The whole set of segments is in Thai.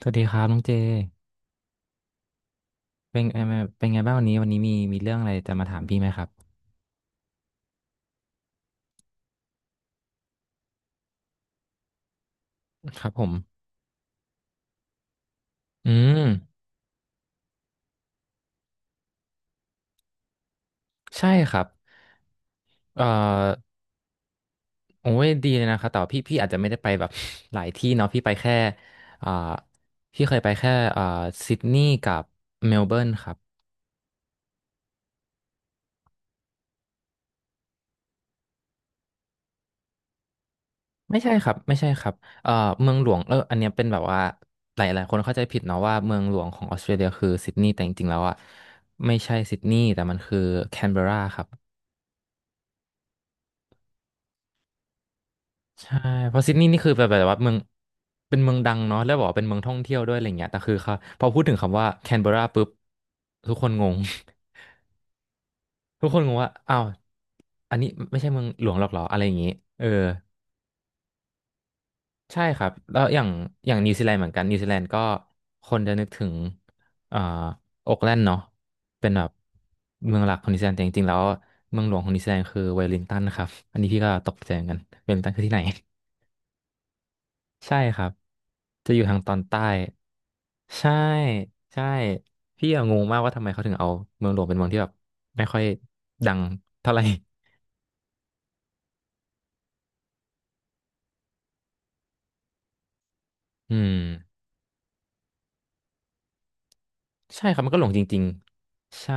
สวัสดีครับน้องเจเป็นเป็นไงบ้างวันนี้วันนี้มีเรื่องอะไรจะมาถามพี่ไหมครับครับผมอืมใช่ครับเอ่อโอ้ยดีเลยนะครับแต่ว่าพี่อาจจะไม่ได้ไปแบบ หลายที่เนาะพี่ไปแค่อ่าพี่เคยไปแค่อ่าซิดนีย์กับเมลเบิร์นครับไม่ใช่ครับไม่ใช่ครับเอ่อเมืองหลวงเอออันเนี้ยเป็นแบบว่าหลายคนเข้าใจผิดเนาะว่าเมืองหลวงของออสเตรเลียคือซิดนีย์แต่จริงๆแล้วอ่ะไม่ใช่ซิดนีย์แต่มันคือแคนเบอร์ราครับ ใช่เพราะซิดนีย์นี่คือแบบว่าเมืองเป็นเมืองดังเนาะแล้วบอกว่าเป็นเมืองท่องเที่ยวด้วยอะไรเงี้ยแต่คือเขาพอพูดถึงคำว่าแคนเบอรราปุ๊บทุกคนงง ทุกคนงงว่าอ้าวอันนี้ไม่ใช่เมืองหลวงหรอกเหรออะไรอย่างงี้เออใช่ครับแล้วอย่างนิวซีแลนด์เหมือนกันนิวซีแลนด์ก็คนจะนึกถึงอ่าโอ๊คแลนด์เนาะเป็นแบบเมืองหลักของนิวซีแลนด์แต่จริงๆแล้วเมืองหลวงของนิวซีแลนด์คือเวลลิงตันนะครับอันนี้พี่ก็ตกใจเหมือนกันเวลลิงตันคือที่ไหน ใช่ครับจะอยู่ทางตอนใต้ใช่ใช่พี่อะงงมากว่าทำไมเขาถึงเอาเมืองหลวงเป็นเมืองที่แบบไม่ค่อยดังเท่าไหร่ อืมใช่ครับมันก็หลงจริงๆใช่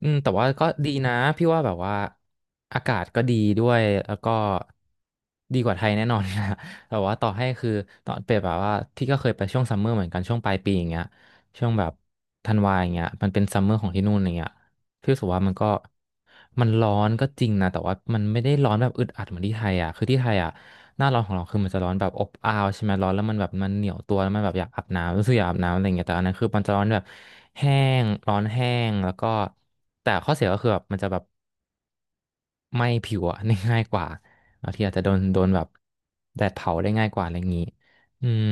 อืมแต่ว่าก็ดีนะพี่ว่าแบบว่าอากาศก็ดีด้วยแล้วก็ดีกว่าไทยแน่นอนนะ แต่ว่าต่อให้คือตอนเปรียบแบบว่าพี่ก็เคยไปช่วงซัมเมอร์เหมือนกันช่วงปลายปีอย่างเงี้ยช่วงแบบธันวาอย่างเงี้ยมันเป็นซัมเมอร์ของที่นู่นอย่างเงี้ยพี่รู้สึกว่ามันก็มันร้อนก็จริงนะแต่ว่ามันไม่ได้ร้อนแบบอึดอัดเหมือนที่ไทยอ่ะคือที่ไทยอ่ะ หน้าร้อนของเราคือมันจะร้อนแบบอบอ้าวใช่ไหมร้อนแล้วมันแบบมันเหนียวตัวแล้วมันแบบอยากอาบน้ำรู้สึกอยากอาบน้ำอะไรอย่างเงี้ยแต่อันนั้นคือมันจะร้อนแบบแห้งร้อนแห้งแล้วก็แต่ข้อเสียก็คือแบบมันจะแบบไหม้ผิวอะ ได้ง่ายกว่าบางทีอาจจะโดนแบบแดดเผาได้ง่ายกว่าอะไรอย่างงี้อืม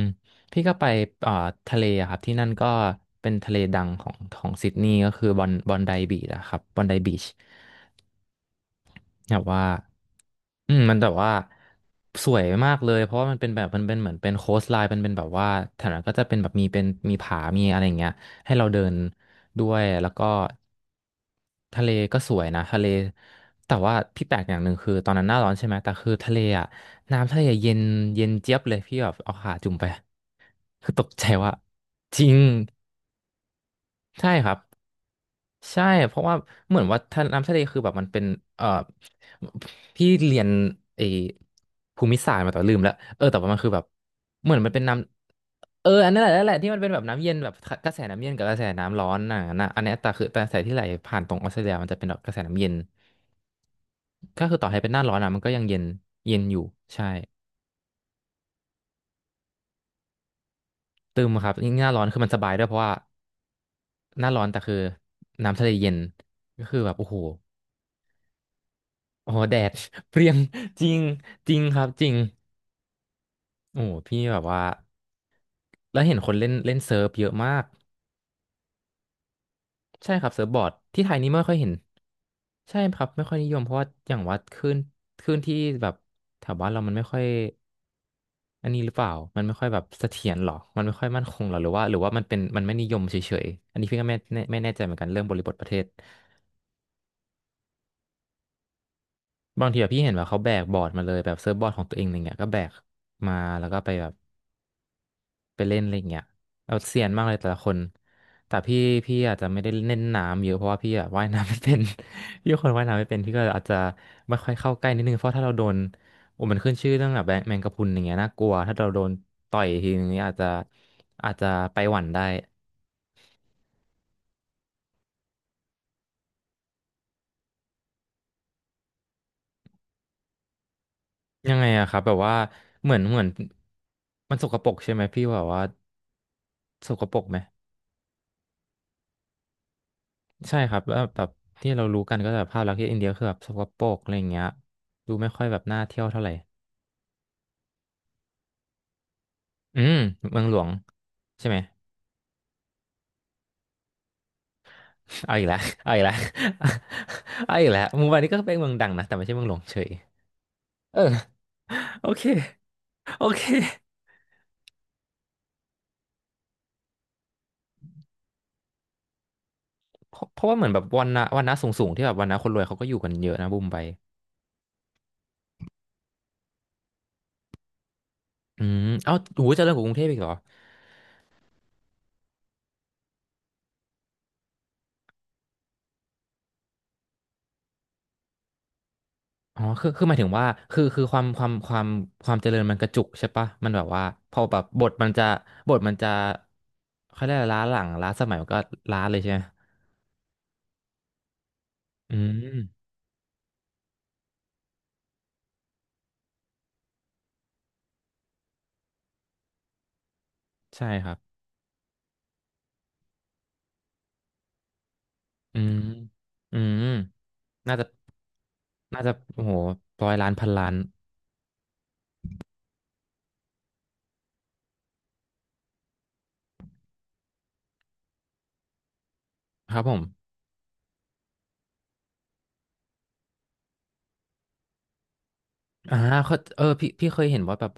พี่ก็ไปเอ่อทะเลอะครับที่นั่นก็เป็นทะเลดังของของซิดนีย์ก็คือบอนไดบีชอะครับบอนไดบีช แบบว่าอืมมันแบบว่าสวยมากเลยเพราะว่ามันเป็นแบบมันเป็นเหมือนเป็นโคสไลน์มันเป็นแบบว่าแถวนั้นก็จะเป็นแบบมีเป็นมีผามีอะไรอย่างเงี้ยให้เราเดินด้วยแล้วก็ทะเลก็สวยนะทะเลแต่ว่าพี่แปลกอย่างหนึ่งคือตอนนั้นหน้าร้อนใช่ไหมแต่คือทะเลอ่ะน้ำทะเลเย็นเย็นเจี๊ยบเลยพี่แบบเอาขาจุ่มไปคือตกใจว่าจริงใช่ครับ ใช่เพราะว่าเหมือนว่าน้ำทะเลคือแบบมันเป็นเอ่อพี่เรียนไอ้ภูมิศาสตร์มาแต่ลืมแล้วเออแต่ว่ามันคือแบบเหมือนมันเป็นน้ำเอออันนั้นแหละนั่นแหละที่มันเป็นแบบน้ำเย็นแบบกระแสน้ำเย็นกับกระแสน้ำร้อนน่ะนะอันเนี้ยแต่กระแสที่ไหลผ่านตรงออสเตรเลียมันจะเป็นแบบกระแสน้ำเย็นก็คือต่อให้เป็นหน้าร้อนอ่ะมันก็ยังเย็นเย็นอยู่ใช่ตึมครับยิ่งหน้าร้อนคือมันสบายด้วยเพราะว่าหน้าร้อนแต่คือน้ำทะเลเย็นก็คือแบบโอ้โหโอ้โหแดด เปรี้ยงจริงจริงครับจริง โอ้โหพี่แบบว่าแล้วเห็นคนเล่นเล่นเซิร์ฟเยอะมากใช่ครับเซิร์ฟบอร์ดที่ไทยนี่ไม่ค่อยเห็นใช่ครับไม่ค่อยนิยมเพราะว่าอย่างว่าคลื่นคลื่นที่แบบแถวบ้านเรามันไม่ค่อยอันนี้หรือเปล่ามันไม่ค่อยแบบเสถียรหรอมันไม่ค่อยมั่นคงหรอหรือว่ามันเป็นมันไม่นิยมเฉยๆอันนี้พี่ก็ไม่แน่ใจเหมือนกันเรื่องบริบทประเทศบางทีแบบพี่เห็นว่าเขาแบกบอร์ดมาเลยแบบเซิร์ฟบอร์ดของตัวเองอะไรเงี้ยก็แบกมาแล้วก็ไปแบบ ไปเล่นอะไรอย่างเงี้ยเอาเซียนมากเลยแต่ละคนแต่พี่อาจจะไม่ได้เล่นน้ำเยอะเพราะว่าพี่อะว่ายน้ำไม่เป็น พี่เป็นคนว่ายน้ำไม่เป็นพี่ก็อาจจะไม่ค่อยเข้าใกล้นิดนึงเพราะถ้าเราโดนโอ้มันขึ้นชื่อเรื่องแบบแมงกะพรุนอย่างเงี้ยน่ากลัวถ้าเราโดนต่อยทีนึงเนี่ยอาจจะไปหวั่นได้ยังไงอะครับแบบว่าเหมือนมันสกปรกใช่ไหมพี่แบบว่าสกปรกไหมใช่ครับแล้วแบบที่เรารู้กันก็แบบภาพลักษณ์ที่อินเดียคือแบบสกปรกอะไรอย่างเงี้ยดูไม่ค่อยแบบน่าเที่ยวเท่าไหร่ อืมเมืองหลวงใช่ไหม เอาอีกแล้วเอาอีกแล้ว เอาอีกแล้วมุมไบานี่ก็เป็นเมืองดังนะแต่ไม่ใช่เมืองหลวงเฉยเออโอเคโอเคเพราะว่าเหมือนแบบวันนะสูงที่แบบวันนะคนรวยเขาก็อยู่กันเยอะนะบุมไปอืมเอ้าโหเจริญกว่ากรุงเทพอีกเหรออ๋อคือหมายถึงว่าคือความความเจริญมันกระจุกใช่ปะมันแบบว่าพอแบบบทมันจะเขาเรียกอะไรล้าหลังล้าสมัยมันก็ล้าเลยใช่ไหมอืมใช่ครับ อืมอืมน่าจะน่าจะโอ้โหร้อยล้านพันล้านครับผมอ่าเขาเออพี่เคยเห็นว่าแบบ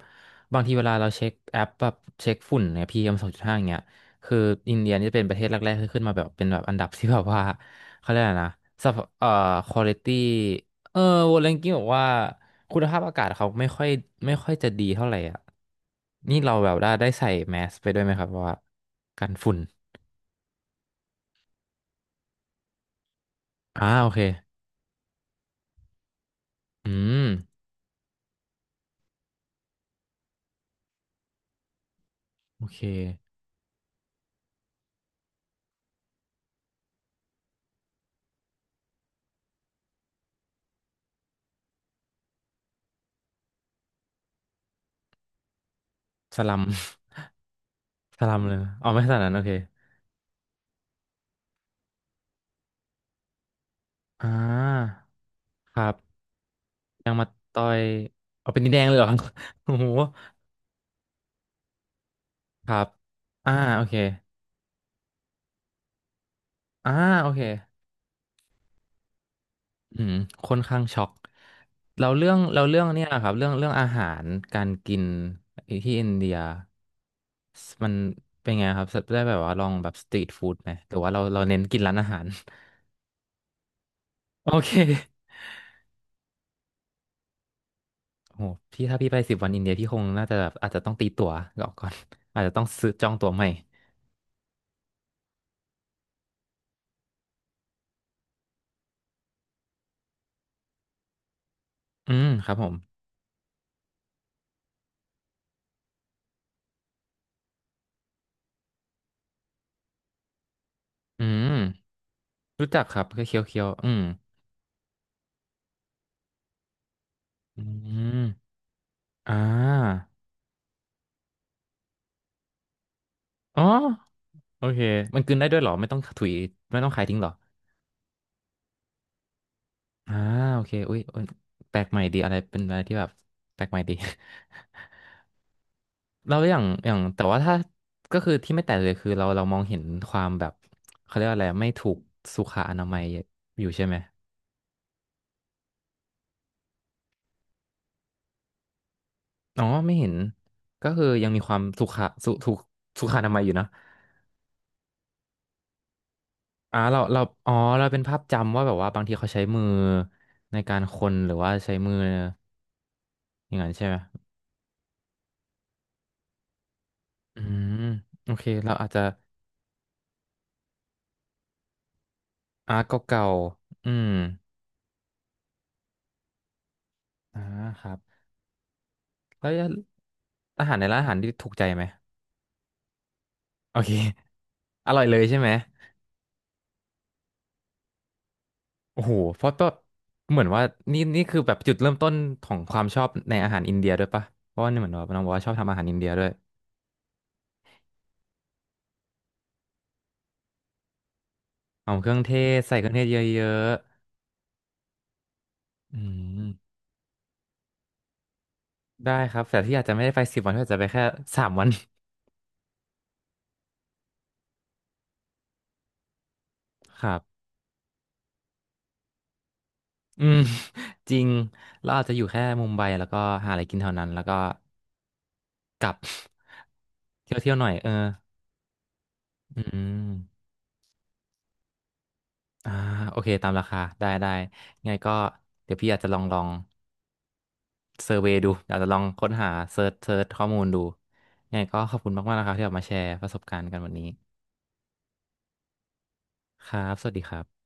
บางทีเวลาเราเช็คแอปแบบเช็คฝุ่นเนี่ยPM 2.5อย่างเงี้ยคืออินเดียนี่จะเป็นประเทศแรกๆที่ขึ้นมาแบบเป็นแบบอันดับที่แบบว่าเขาเรียกอะไรนะสภาพคุณภาพเออวอลเลนกิ้งบอกว่าคุณภาพอากาศเขาไม่ค่อยจะดีเท่าไหร่อ่ะนี่เราแบบได้ใส่แมสไปด้วยไหมครับว่ากันฝุ่นอ่าโอเคอืมโอเค สลัม สลัมเลยนะอ๋อไม่ขนาดนั้นโอเคอ่าครับยังมาต่อยเอาเป็นดินแดงเลยเหรอ โอ้โหครับอ่าโอเคอ่าโอเคอืมค่อนข้างช็อกเราเรื่องเนี่ยครับเรื่องอาหารการกินที่อินเดียมันเป็นไงครับได้แบบว่าลองแบบสตรีทฟู้ดไหมหรือว่าเราเน้นกินร้านอาหาร โอเค โหพี่ถ้าพี่ไปสิบวันอินเดียพี่คงน่าจะแบบอาจจะต้องตีตั๋วก่อน อาจจะต้องซื้อจองตั๋วใหม่อืมครับผมอืมรู้จักครับก็เคี้ยวอืมอืมอ่าอ๋อโอเคมันกลืนได้ด้วยเหรอไม่ต้องถุยไม่ต้องขายทิ้งเหรออ่าโอเคอุ้ยอุ๊ยแปลกใหม่ดีอะไรเป็นอะไรที่แบบแปลกใหม่ดี เราอย่างอย่างแต่ว่าถ้าก็คือที่ไม่แตกเลยคือเรามองเห็นความแบบเขาเรียกว่าอะไรไม่ถูกสุขอนามัยอยู่ใช่ไหม อ๋อไม่เห็นก็คือยังมีความสุขะสุถูกสุขอนามัยอยู่นะอ่าเราอ๋อเราเป็นภาพจำว่าแบบว่าบางทีเขาใช้มือในการคนหรือว่าใช้มืออย่างนั้นใช่ไหมอืมโอเคเราอาจจะอาร์ตเก่าๆอืมอ่าครับแล้วอาหารในร้านอาหารที่ถูกใจไหมโอเค อร่อยเลยใช่ไหมโอ้โหเพราะก็เหมือนว่านี่นี่คือแบบจุดเริ่มต้นของความชอบในอาหารอินเดียด้วยปะเพราะว่านี่เหมือนว่าน้องบอกว่าชอบทำอาหารอินเดียด้วย หอมเครื่องเทศใส่เครื่องเทศเยอะๆอืมๆได้ครับแต่ที่อาจจะไม่ได้ไปสิบวันที่อาจจะไปแค่3 วัน ครับอืม จริงเราอาจจะอยู่แค่มุมไบแล้วก็หาอะไรกินเท่านั้นแล้วก็กลับ เที่ยวหน่อยเอออืมอ่าโอเคตามราคาได้ไงก็เดี๋ยวพี่อาจจะลองเซอร์เวย์ดูอาจจะลองค้นหาเซิร์ชข้อมูลดูไงก็ขอบคุณมากๆนะครับที่ออกมาแชร์ประสบการณ์กันวันนี้ครับสวัสดีครับ